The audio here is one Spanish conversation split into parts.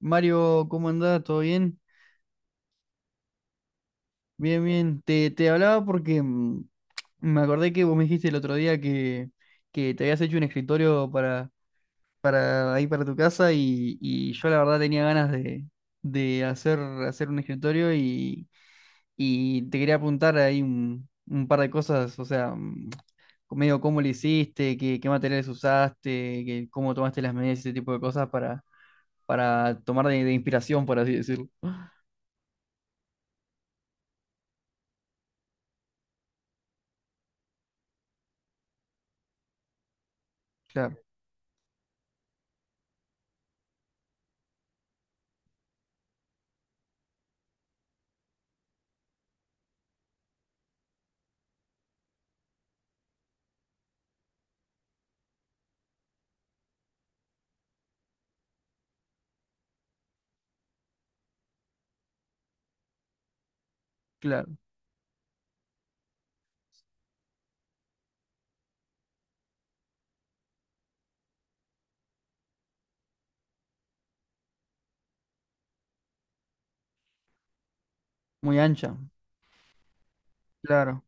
Mario, ¿cómo andás? ¿Todo bien? Bien, bien. Te hablaba porque me acordé que vos me dijiste el otro día que te habías hecho un escritorio para ahí para tu casa y yo la verdad tenía ganas de hacer un escritorio y te quería apuntar ahí un par de cosas, o sea, medio cómo lo hiciste, qué materiales usaste, que, cómo tomaste las medidas, ese tipo de cosas para tomar de inspiración, por así decirlo. Claro, claro. Muy ancha, claro.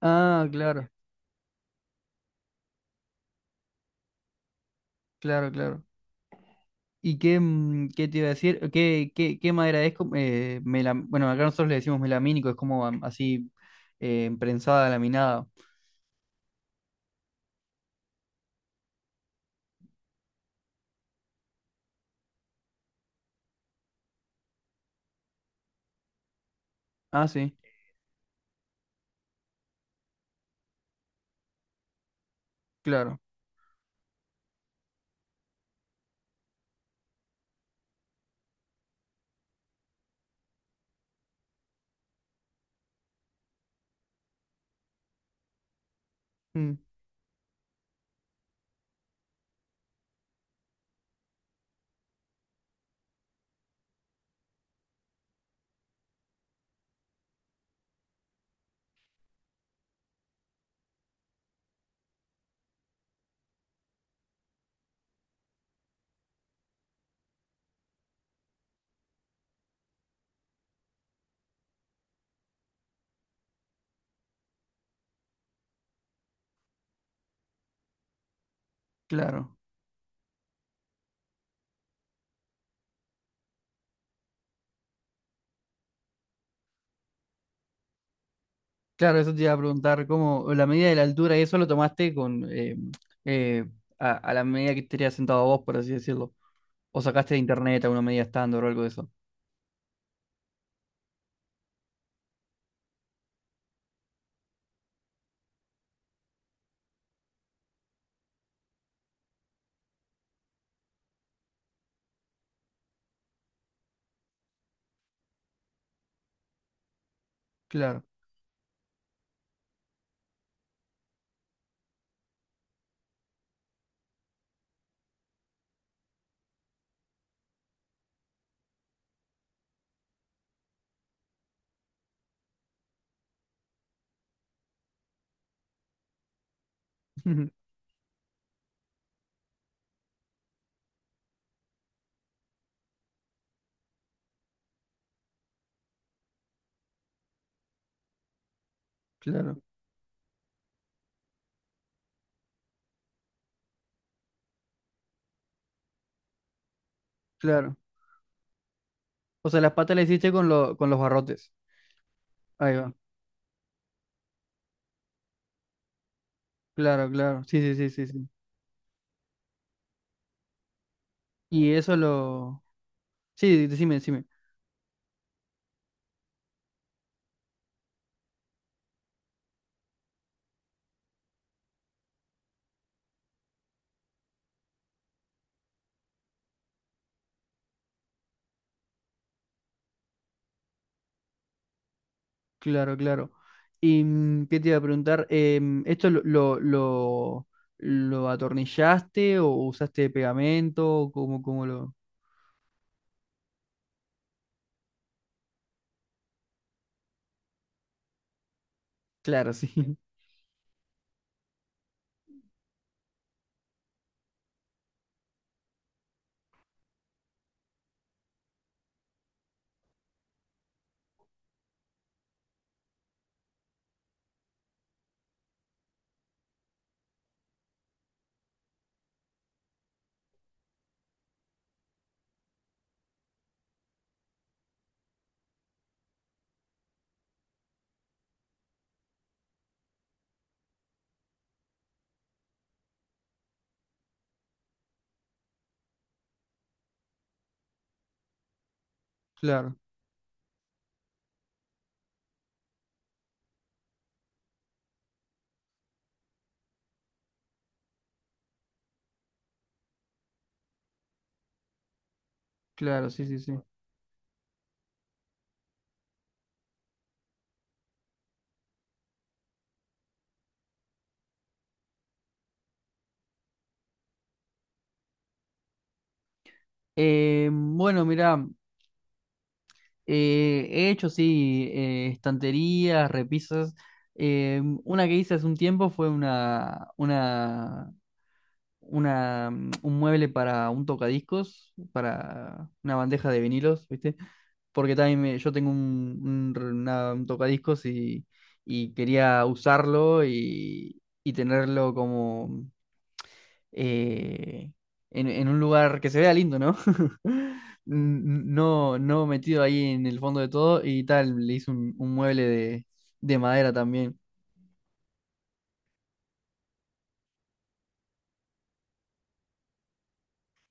Ah, claro, claro, claro. ¿Y qué, qué te iba a decir? ¿Qué, qué, qué madera es? Como, melam- bueno, acá nosotros le decimos melamínico, es como am- así prensada, laminada. Ah, sí, claro, mm, claro. Claro, eso te iba a preguntar, ¿cómo la medida de la altura y eso lo tomaste con eh, a la medida que estarías sentado vos, por así decirlo? ¿O sacaste de internet alguna medida estándar o algo de eso? Claro, claro, claro. O sea, las patas las hiciste con, lo- con los barrotes. Ahí va. Claro, claro. Sí, sí, sí, sí, sí. Y eso lo... Sí, decime, decime. Claro, claro. ¿Y qué te iba a preguntar? ¿Esto lo atornillaste o usaste pegamento? ¿Cómo, cómo lo...? Claro, sí. Claro, claro, sí, sí, sí. Bueno, mira, he hecho, sí, estanterías, repisas. Una que hice hace un tiempo fue una, un mueble para un tocadiscos, para una bandeja de vinilos, ¿viste? Porque también me- yo tengo un r- una- un tocadiscos y quería usarlo y tenerlo como eh, en un lugar que se vea lindo, ¿no? N- No, no metido ahí en el fondo de todo y tal, le hice un mueble de madera también.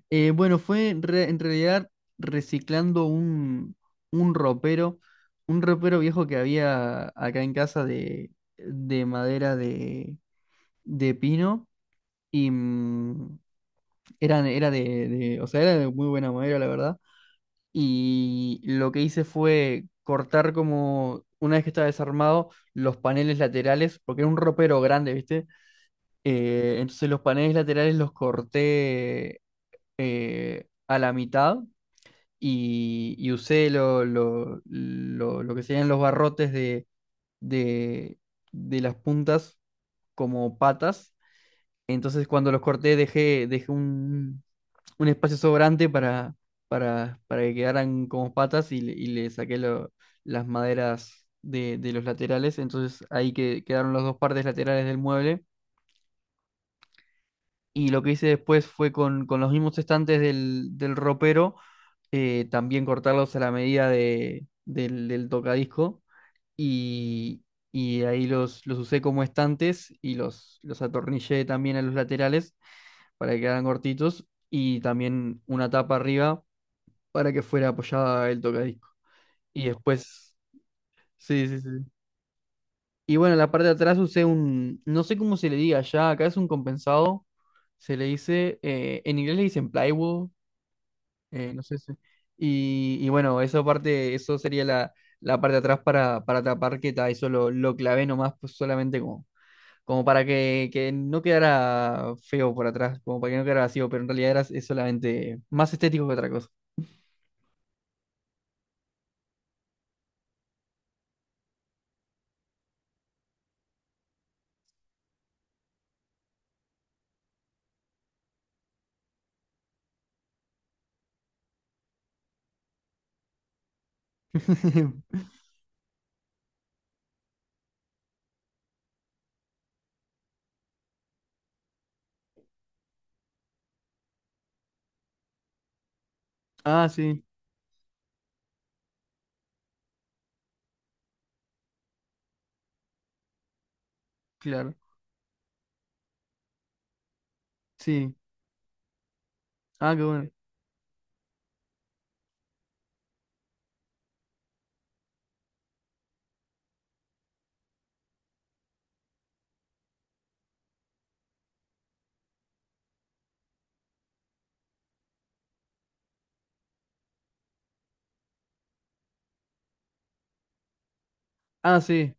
Bueno, fue en re- en realidad reciclando un ropero, un ropero viejo que había acá en casa de madera de pino y era, era de- o sea, era de muy buena madera, la verdad. Y lo que hice fue cortar como, una vez que estaba desarmado, los paneles laterales, porque era un ropero grande, ¿viste? Entonces los paneles laterales los corté a la mitad y usé lo que serían los barrotes de de las puntas como patas. Entonces cuando los corté dejé, dejé un espacio sobrante para que quedaran como patas y le saqué lo- las maderas de los laterales. Entonces ahí que, quedaron las dos partes laterales del mueble. Y lo que hice después fue con los mismos estantes del ropero también cortarlos a la medida del tocadisco y, y ahí los usé como estantes y los atornillé también a los laterales para que quedaran cortitos y también una tapa arriba para que fuera apoyada el tocadisco. Y después, sí, sí, sí. Y bueno, en la parte de atrás usé un, no sé cómo se le diga allá, acá es un compensado, se le dice, en inglés le dicen plywood. No sé si... Y, y bueno, eso parte, eso sería la, la parte de atrás para tapar que ta, eso lo clavé nomás, pues solamente como, como para que no quedara feo por atrás, como para que no quedara vacío, pero en realidad era, es solamente más estético que otra cosa. Ah, sí, claro. Sí. Ah, qué bueno. Ah, sí.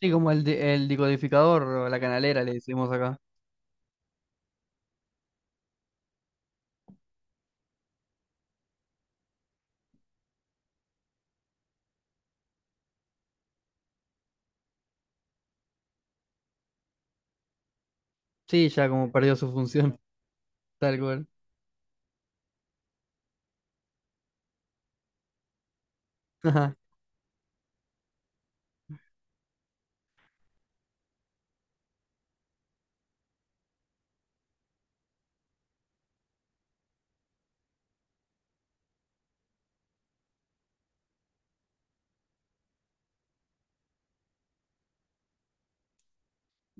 Sí, como el, de- el decodificador o la canalera le decimos acá. Sí, ya como perdió su función, tal cual.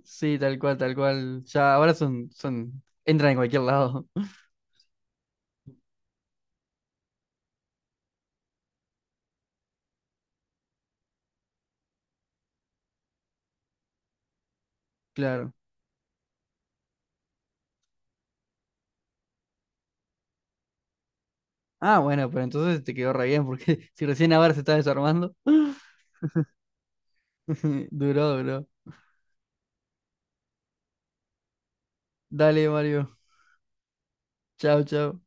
Sí, tal cual, tal cual. Ya ahora son, son, entran en cualquier lado. Claro. Ah, bueno, pero entonces te quedó re bien, porque si recién ahora se está desarmando. Duró, duró. Dale, Mario. Chao, chao.